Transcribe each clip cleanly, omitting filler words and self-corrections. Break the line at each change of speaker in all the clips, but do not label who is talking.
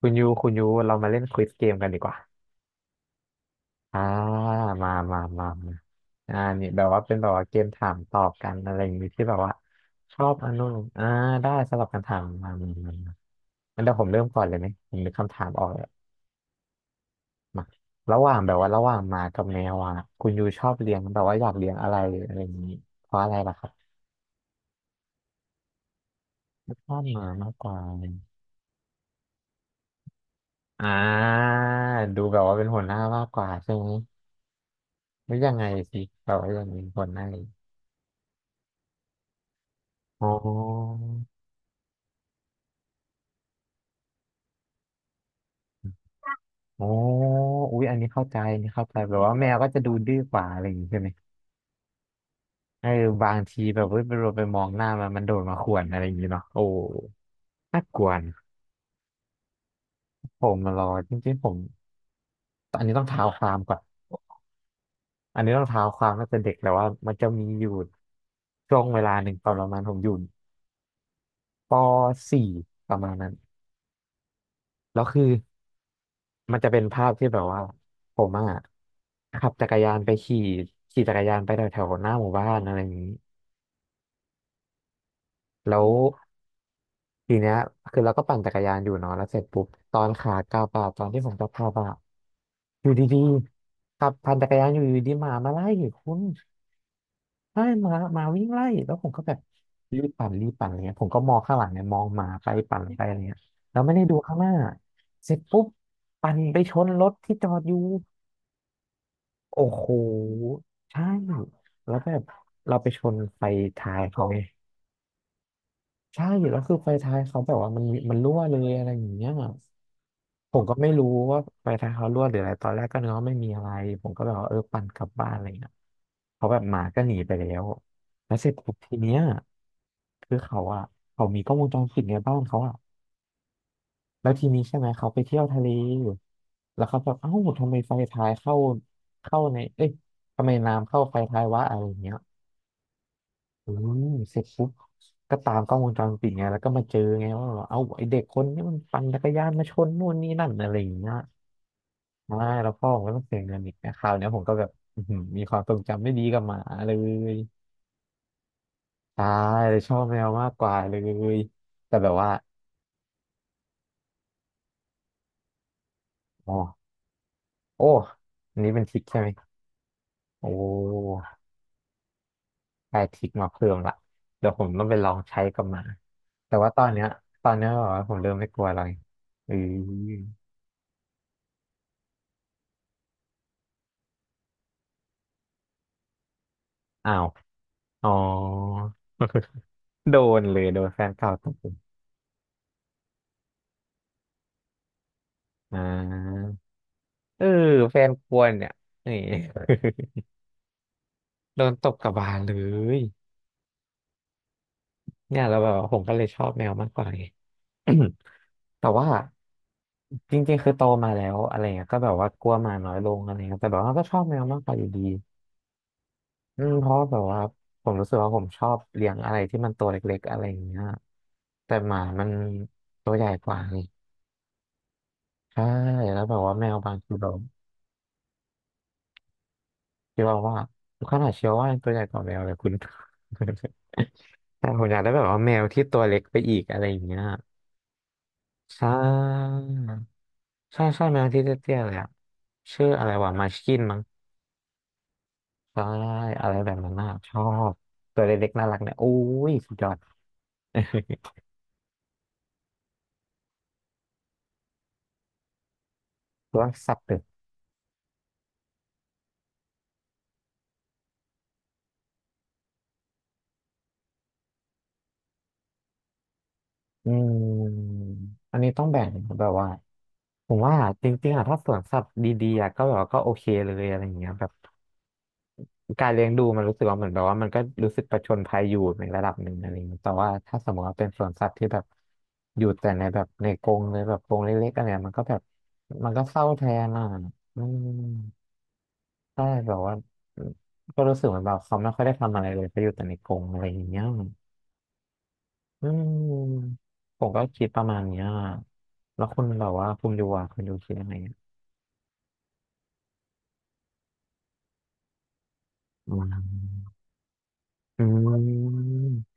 คุณยูคุณยูเรามาเล่นควิซเกมกันดีกว่าอ่ามามามามาอ่านี่แบบว่าเป็นแบบว่าเกมถามตอบกันอะไรอย่างนี้ที่แบบว่าชอบอันนู้นอ่าได้สำหรับคำถามมามามามางั้นเดี๋ยวผมเริ่มก่อนเลยไหมผมนึกคำถามออกแล้วมาระหว่างแบบว่าระหว่างหมากับแมวอ่ะคุณยูชอบเลี้ยงแบบว่าอยากเลี้ยงอะไรอะไรอย่างนี้เพราะอะไรล่ะครับชอบหมามากกว่าอ่าดูแบบว่าเป็นหัวหน้ามากกว่าใช่ไหมหรือยังไงสิแบบว่ายังเป็นหัวหน้า อ๋ออ๋ออุ๊ยอันนี้เข้าใจอันนี้เข้าใจแบบว่าแมวก็จะดูดื้อกว่าอะไรอย่างงี้ใช่ไหมเออบางทีแบบเว้ยไปเราไปมองหน้ามันมันโดดมาข่วนอะไรอย่างงี้เนาะโอ้น่ากลัวนะผมมารอจริงๆ ผม อันนี้ต้องเท้าความก่อนอันนี้ต้องเท้าความตั้งแต่เด็กแล้วว่ามันจะมีอยู่ช่วงเวลาหนึ่งตอนประมาณผมอยู่ปสี่ประมาณนั้น แล้วคือมันจะเป็นภาพที่แบบว่าผมอะขับจักรยานไปขี่ขี่จักรยานไปแถวแถวหน้าหมู่บ้านอะไรอย่างนี้ แล้วทีเนี้ยคือเราก็ปั่นจักรยานอยู่เนาะแล้วเสร็จปุ๊บตอนขากลับอะตอนที่ผมจะพาบอะอยู่ดีๆขับปั่นจักรยานอยู่อยู่ดีหมามาไล่คุณใช่หมาหมาวิ่งไล่แล้วผมก็แบบรีบปั่นรีบปั่นอะไรเงี้ยผมก็มองข้างหลังเนี่ยมองหมาไปปั่นไปอะไรเงี้ยแล้วไม่ได้ดูข้างหน้าเสร็จปุ๊บปั่นไปชนรถที่จอดอยู่โอ้โหใช่แล้วแบบเราไปชนไฟท้ายเขาไง ใช่แล้วคือไฟท้ายเขาแบบว่ามันมีมันรั่วเลยอะไรอย่างเงี้ยผมก็ไม่รู้ว่าไฟท้ายเขารั่วหรืออะไรตอนแรกก็นึกว่าไม่มีอะไรผมก็แบบว่าเออปั่นกลับบ้านอะไรเงี้ยเขาแบบหมาก็หนีไปแล้วแล้วเสร็จปุ๊บทีเนี้ยคือเขาอะเขามีกล้องวงจรปิดในบ้านเขาอะแล้วทีนี้ใช่ไหมเขาไปเที่ยวทะเลอยู่แล้วเขาแบบเอ้าทำไมไฟท้ายเข้าเข้าในเอ้ยทำไมน้ำเข้าไฟท้ายวะอะไรอย่างเงี้ย อืมเสร็จปุ๊บก็ตามกล้องวงจรปิดไงแล้วก็มาเจอไงว่าแบบเอาไอเด็กคนนี้มันปั่นจักรยานมาชนนู่นนี่นั่นอะไรอย่างเงี้ยมาแล้วพ่อผมก็ต้องเสียเงินอีกนะคราวเนี้ยผมก็แบบอื้อหือมีความทรงจำไม่ดีกับหมาเลยตายเลยชอบแมวมากกว่าเลยแต่แบบว่าอ๋อโอ้อันนี้เป็นทริคใช่ไหมโอ้ได้ทริคมาเพิ่มละเดี๋ยวผมต้องไปลองใช้กับหมาแต่ว่าตอนเนี้ยตอนเนี้ยแบบว่าผมเริ่มไม่กลัวอะไรอืออ้าว อ๋อ โดนเลยโดนแฟนเก่าตบอ่าเออแฟนควรเนี่ยนี่ โดนตบกลับบานเลยเนี่ยแล้วแบบว่าผมก็เลยชอบแมวมากกว่าไง แต่ว่าจริงๆคือโตมาแล้วอะไรเงี้ยก็แบบว่ากลัวหมาน้อยลงอะไรเงี้ยแต่แบบว่าก็ชอบแมวมากกว่าอยู่ดีอืมเพราะว่าแบบว่าผมรู้สึกว่าผมชอบเลี้ยงอะไรที่มันตัวเล็กๆอะไรอย่างเงี้ยแต่หมามันตัวใหญ่กว่าไงใช่แล้วแบบว่าแมวบางทีแบบ คิดวาว่าขนาดเชืวอว่ายังตัวใหญ่กว่าแมวเลยคุณ แต่ ผมอยากได้แบบว่าแมวที่ตัวเล็กไปอีกอะไรอย่างเงี้ยใช่ใช่ใช่แมวที่เตี้ยๆเลยอะชื่ออะไรวะมาชกินมั้งใช่อะไรแบบนั้นน่ะชอบตัวเล็กๆน่ารักเนี่ยโอ้ยสุดยอด ตัวสัตว์ตึกอืมอันนี้ต้องแบ่งแบบว่าผมว่าจริงๆอะถ้าสวนสัตว์ดีๆอะก็แบบว่าก็โอเคเลยอะไรอย่างเงี้ยแบบ การเลี้ยงดูมันรู้สึกว่าเหมือนแบบว่ามันก็รู้สึกประชนภัยอยู่ในระดับหนึ่งอะไรอย่างเงี้ยแต่ว่าถ้าสมมติว่าเป็นสวนสัตว์ที่แบบอยู่แต่ในแบบในกรงเลยแบบกรงเล็กๆอะไรเงี้ยมันก็แบบมันก็เศร้าแทนอ่ะอืมใช่แบบว่าก็รู้สึกเหมือนแบบเขาไม่ค่อยได้ทำอะไรเลยเขาอยู่แต่ในกรงอะไรอย่างเงี้ยอืมผมก็คิดประมาณเนี้ยแล้วคุณแบบว่าคุณอยูอ่ะคุณอยูคิดยังไงอะอืมอืม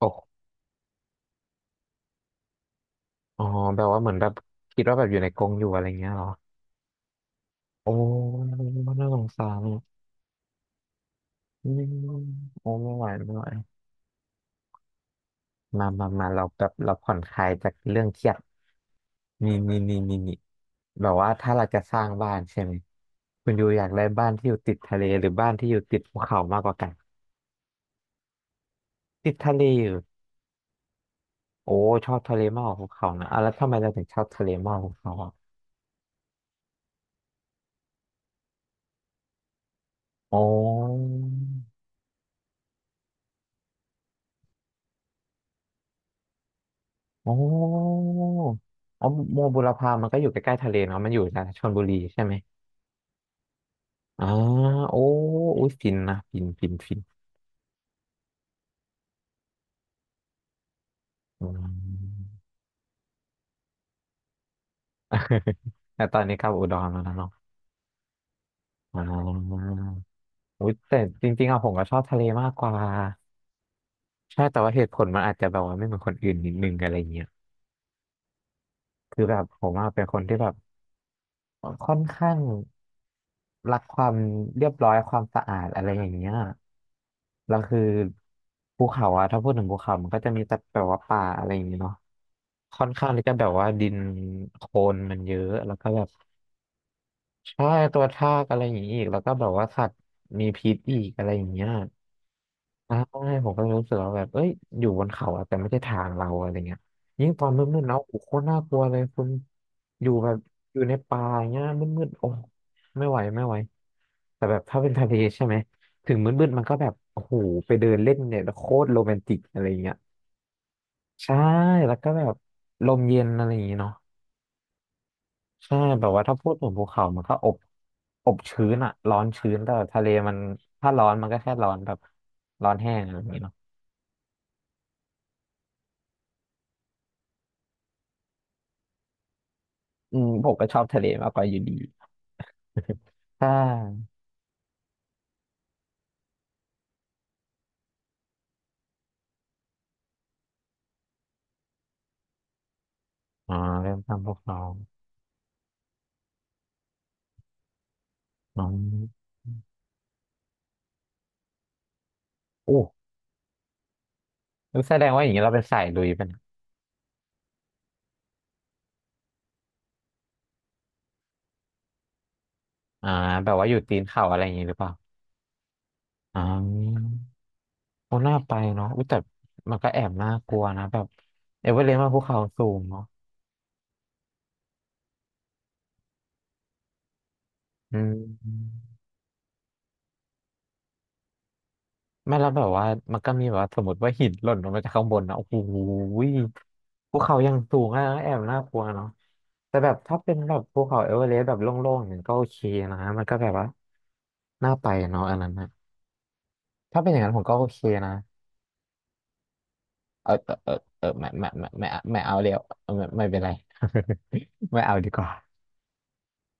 โอ้อ๋อแบบว่าเหมือนแบบคิดว่าแบบอยู่ในกรงอยู่อะไรเงี้ยเหรอ โอ้น่าสงสารเนี่ยอืมโอ้ไม่ไหวไม่ไหวมามา มาเราแบบเราผ่อนคลายจากเรื่องเครียดนี่แบบว่าถ้าเราจะสร้างบ้านใช่ไหมคุณยูอยากได้บ้านที่อยู่ติดทะเลหรือบ้านที่อยู่ติดภูเขามากกว่ากันติดทะเลอยู่โอ้ชอบทะเลมากกว่าภูเขานะอ่ะแล้วทำไมเราถึงชอบทะเลมากกว่าภูเขาอ่ะอ๋ออ๋ออ๋อโมบุรพามันก็อยู่ใกล้ๆทะเลเนาะมันอยู่นะชลบุรีใช่ไหม อ่าโอ้อุยฟินนะฟินอืม แต่ตอนนี้กลับอุดรแล้วนะเนาะอ่าอุยแต่จริงๆอะผมก็ชอบทะเลมากกว่า ใช่แต่ว่าเหตุผลมันอาจจะแบบว่าไม่เหมือนคนอื่นนิดนึงอะไรเงี้ยคือแบบผมอะเป็นคนที่แบบ ค่อนข้างรักความเรียบร้อยความสะอาดอะไรอย่างเงี้ยแล้วคือภูเขาอะถ้าพูดถึงภูเขามันก็จะมีแต่แบบว่าป่าอะไรอย่างเงี้ยเนาะค่อนข้างที่จะแบบว่าดินโคลนมันเยอะแล้วก็แบบใช่ตัวทากอะไรอย่างงี้อีกแล้วก็แบบว่าสัตว์มีพิษอีกอะไรอย่างเงี้ย ใช่ผมก็เลยรู้สึกว่าแบบเอ้ยอยู่บนเขาอะแต่ไม่ใช่ทางเราอะไรเงี้ยยิ่งตอนมืดๆเนาะโอ้โหโคตรน่ากลัวเลยคุณอยู่แบบอยู่ในป่าอย่างเงี้ยมืดๆโอ้ไม่ไหวไม่ไหวแต่แบบถ้าเป็นทะเลใช่ไหมถึงมืดๆมันก็แบบโอ้โหไปเดินเล่นเนี่ยโคตรโรแมนติกอะไรเงี้ยใช่แล้วก็แบบลมเย็นอะไรอย่างเงี้เนาะใช่แบบว่าถ้าพูดถึงภูเขามันก็อบชื้นอะร้อนชื้นแต่ทะเลมันถ้าร้อนมันก็แค่ร้อนแบบร้อนแห้งอะไรอย่างเงี้ย อืมผมก็ชอบทะเลมากกว่าอยู่ดี ใช่อ๋อเริ่มทำพวกน้องน้องโอ้แล้วแสดงว่าอย่างนี้เราเป็นสายลุยเป็นยอ่าแบบว่าอยู่ตีนเขาอะไรอย่างนี้หรือเปล่าอ๋อโอ้น่าไปเนาะอุ๊ยแต่มันก็แอบน่ากลัวนะแบบเอเวอเรสต์มาภูเขาสูงเนาะอืม ไม่แล้วแบบว่ามันก็มีแบบว่าสมมติว่าหินหล่นลงมาจากข้างบนนะโอ้โหยภูเขายังสูงอ่ะแอบน่ากลัวเนาะแต่แบบถ้าเป็นแบบภูเขาเอเวอเรสต์แบบโล่งๆอย่างนั้นก็โอเคนะมันก็แบบว่าน่าไปเนาะอันนั้นนะถ้าเป็นอย่างนั้นผมก็โอเคนะเออเออเออเออไม่เอาเดี๋ยวไม่เป็นไร ไม่เอาดีกว่า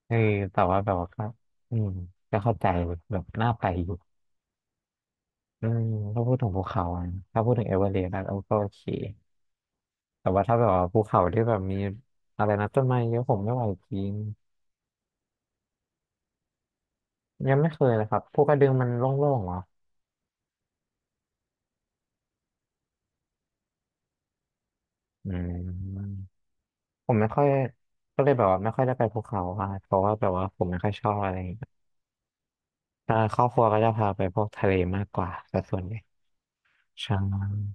เออแต่ว่าแบบว่าก็อืมก็เข้าใจแบบน่าไปอยู่อืมถ้าพูดถึงภูเขาอะถ้าพูดถึงเอเวอเรสต์ก็โอเค แต่ว่าถ้าแบบว่าภูเขาที่แบบมีอะไรนะต้นไม้เยอะผมไม่ไหวจริงยังไม่เคยเลยครับภูกระดึงมันโล่งๆเหรออืมผมไม่ค่อยก็เลยแบบว่าไม่ค่อยได้ไปภูเขาอะเพราะว่าแบบว่าผมไม่ค่อยชอบอะไรอย่างเงี้ยถ้าครอบครัวก็จะพาไปพวกทะเลมากกว่าแต่ส่วนใหญ่ใช่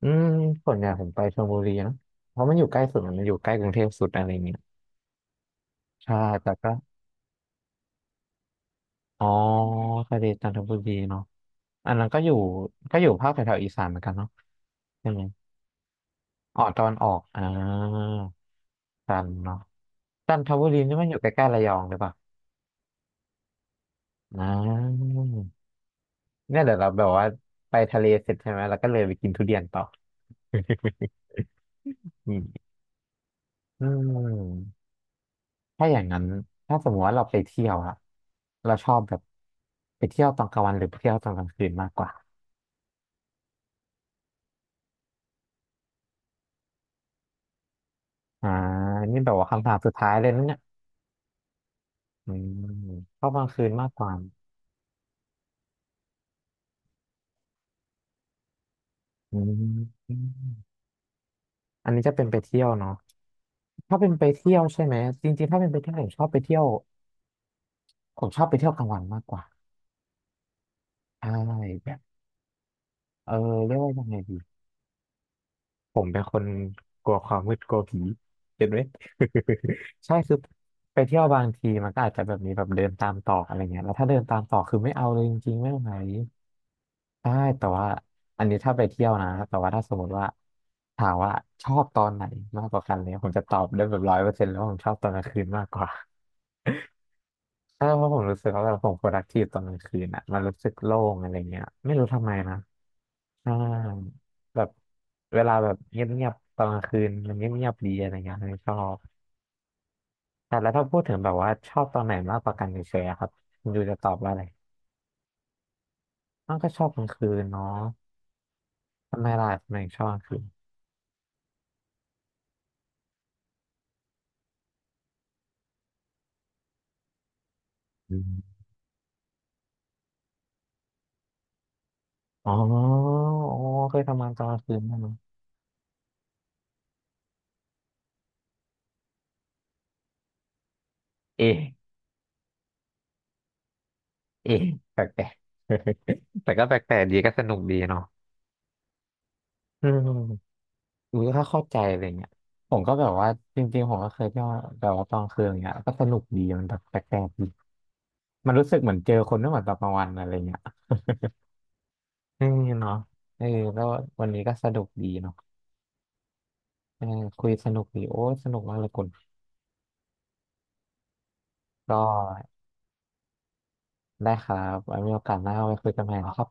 อืมส่วนใหญ่ผมไปชลบุรีนะเพราะมันอยู่ใกล้สุดอะมันอยู่ใกล้กรุงเทพสุดอะไรเงี้ยใช่แต่ก็อ๋อทะเลจันทบุรีเนาะอันนั้นก็อยู่ก็อยู่ภาคแถวๆอีสานเหมือนกันเนาะใช่ไหม อ๋อตอนออกอ่าจันทร์เนาะจันทบุรีนี่มันอยู่ใกล้ๆระยองหรือเปล่าอ่าเนี่ยเดี๋ยวเราแบบว่าไปทะเลเสร็จใช่ไหมแล้วก็เลยไปกินทุเรียนต่อ อืมอืมถ้าอย่างนั้นถ้าสมมติว่าเราไปเที่ยวอะเราชอบแบบไปเที่ยวตอนกลางวันหรือไปเที่ยวตอนกลางคืนมากกว่าอ่านี่แบบว่าคำถามสุดท้ายเลยนะเนี่ยอืมชอบกลางคืนมากกว่าอืมอันนี้จะเป็นไปเที่ยวเนาะ ถ้าเป็นไปเที่ยวใช่ไหมจริงๆถ้าเป็นไปเที่ยวผมชอบไปเที่ยวผมชอบไปเที่ยวกลางวันมากกว่าใช่แบบเออเรียกว่ายังไงดีผมเป็นคนกลัวความมืดกลัวผีเห็นไหม ใช่คือไปเที่ยวบางทีมันก็อาจจะแบบมีแบบเดินตามตอกอะไรเงี้ยแล้วถ้าเดินตามตอกคือไม่เอาเลยจริงๆไม่ไหวใช่แต่ว่าอันนี้ถ้าไปเที่ยวนะแต่ว่าถ้าสมมติว่าถามว่าชอบตอนไหนมากกว่ากันเนี่ยผมจะตอบได้แบบ100%แล้ววาผมชอบตอนกลางคืนมากกว่า ใช่เพราะผมรู้สึกว่าแบบผม productive ตอนกลางคืนอ่ะมันรู้สึกโล่งอะไรเงี้ยไม่รู้ทำไมนะใช่แบบเวลาแบบเงียบๆตอนกลางคืนมันเงียบๆดีอะไรเงี้ยเลยชอบแต่แล้วถ้าพูดถึงแบบว่าชอบตอนไหนมากกว่ากันเฉยๆอะครับคุณยูจะตอบว่าอะไรอ้าวก็ชอบกลางคืนเนาะทำไมล่ะทำไมถึงชอบกลางคืนอืมอ๋ออ๋อเคยทำงานตอนกลางคืนไหมเนาะเอ๊ะเอ๊ะแปลกๆ แต่ก็แปลกๆดีก็สนุกดีเนาะอืม อุ้ยก็เข้าใจอะไรเงี้ยผมก็แบบว่าจริงๆผมก็เคยเที่ยวแบบว่าตอนคืนอย่างเงี้ยก็สนุกดีมันแบบแปลกๆดีมันรู้สึกเหมือนเจอคนไม่เหมือนตอนกลางวันอะไรเงี้ย เอืเนาะเออแล้ววันนี้ก็สนุกดีเนาะเออคุยสนุกดีโอ้สนุกมากเลยคุณก็ได้ครับไว้มีโอกาสหน้าไว้คุยกันใหม่นะครับ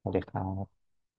สวัสดีครับ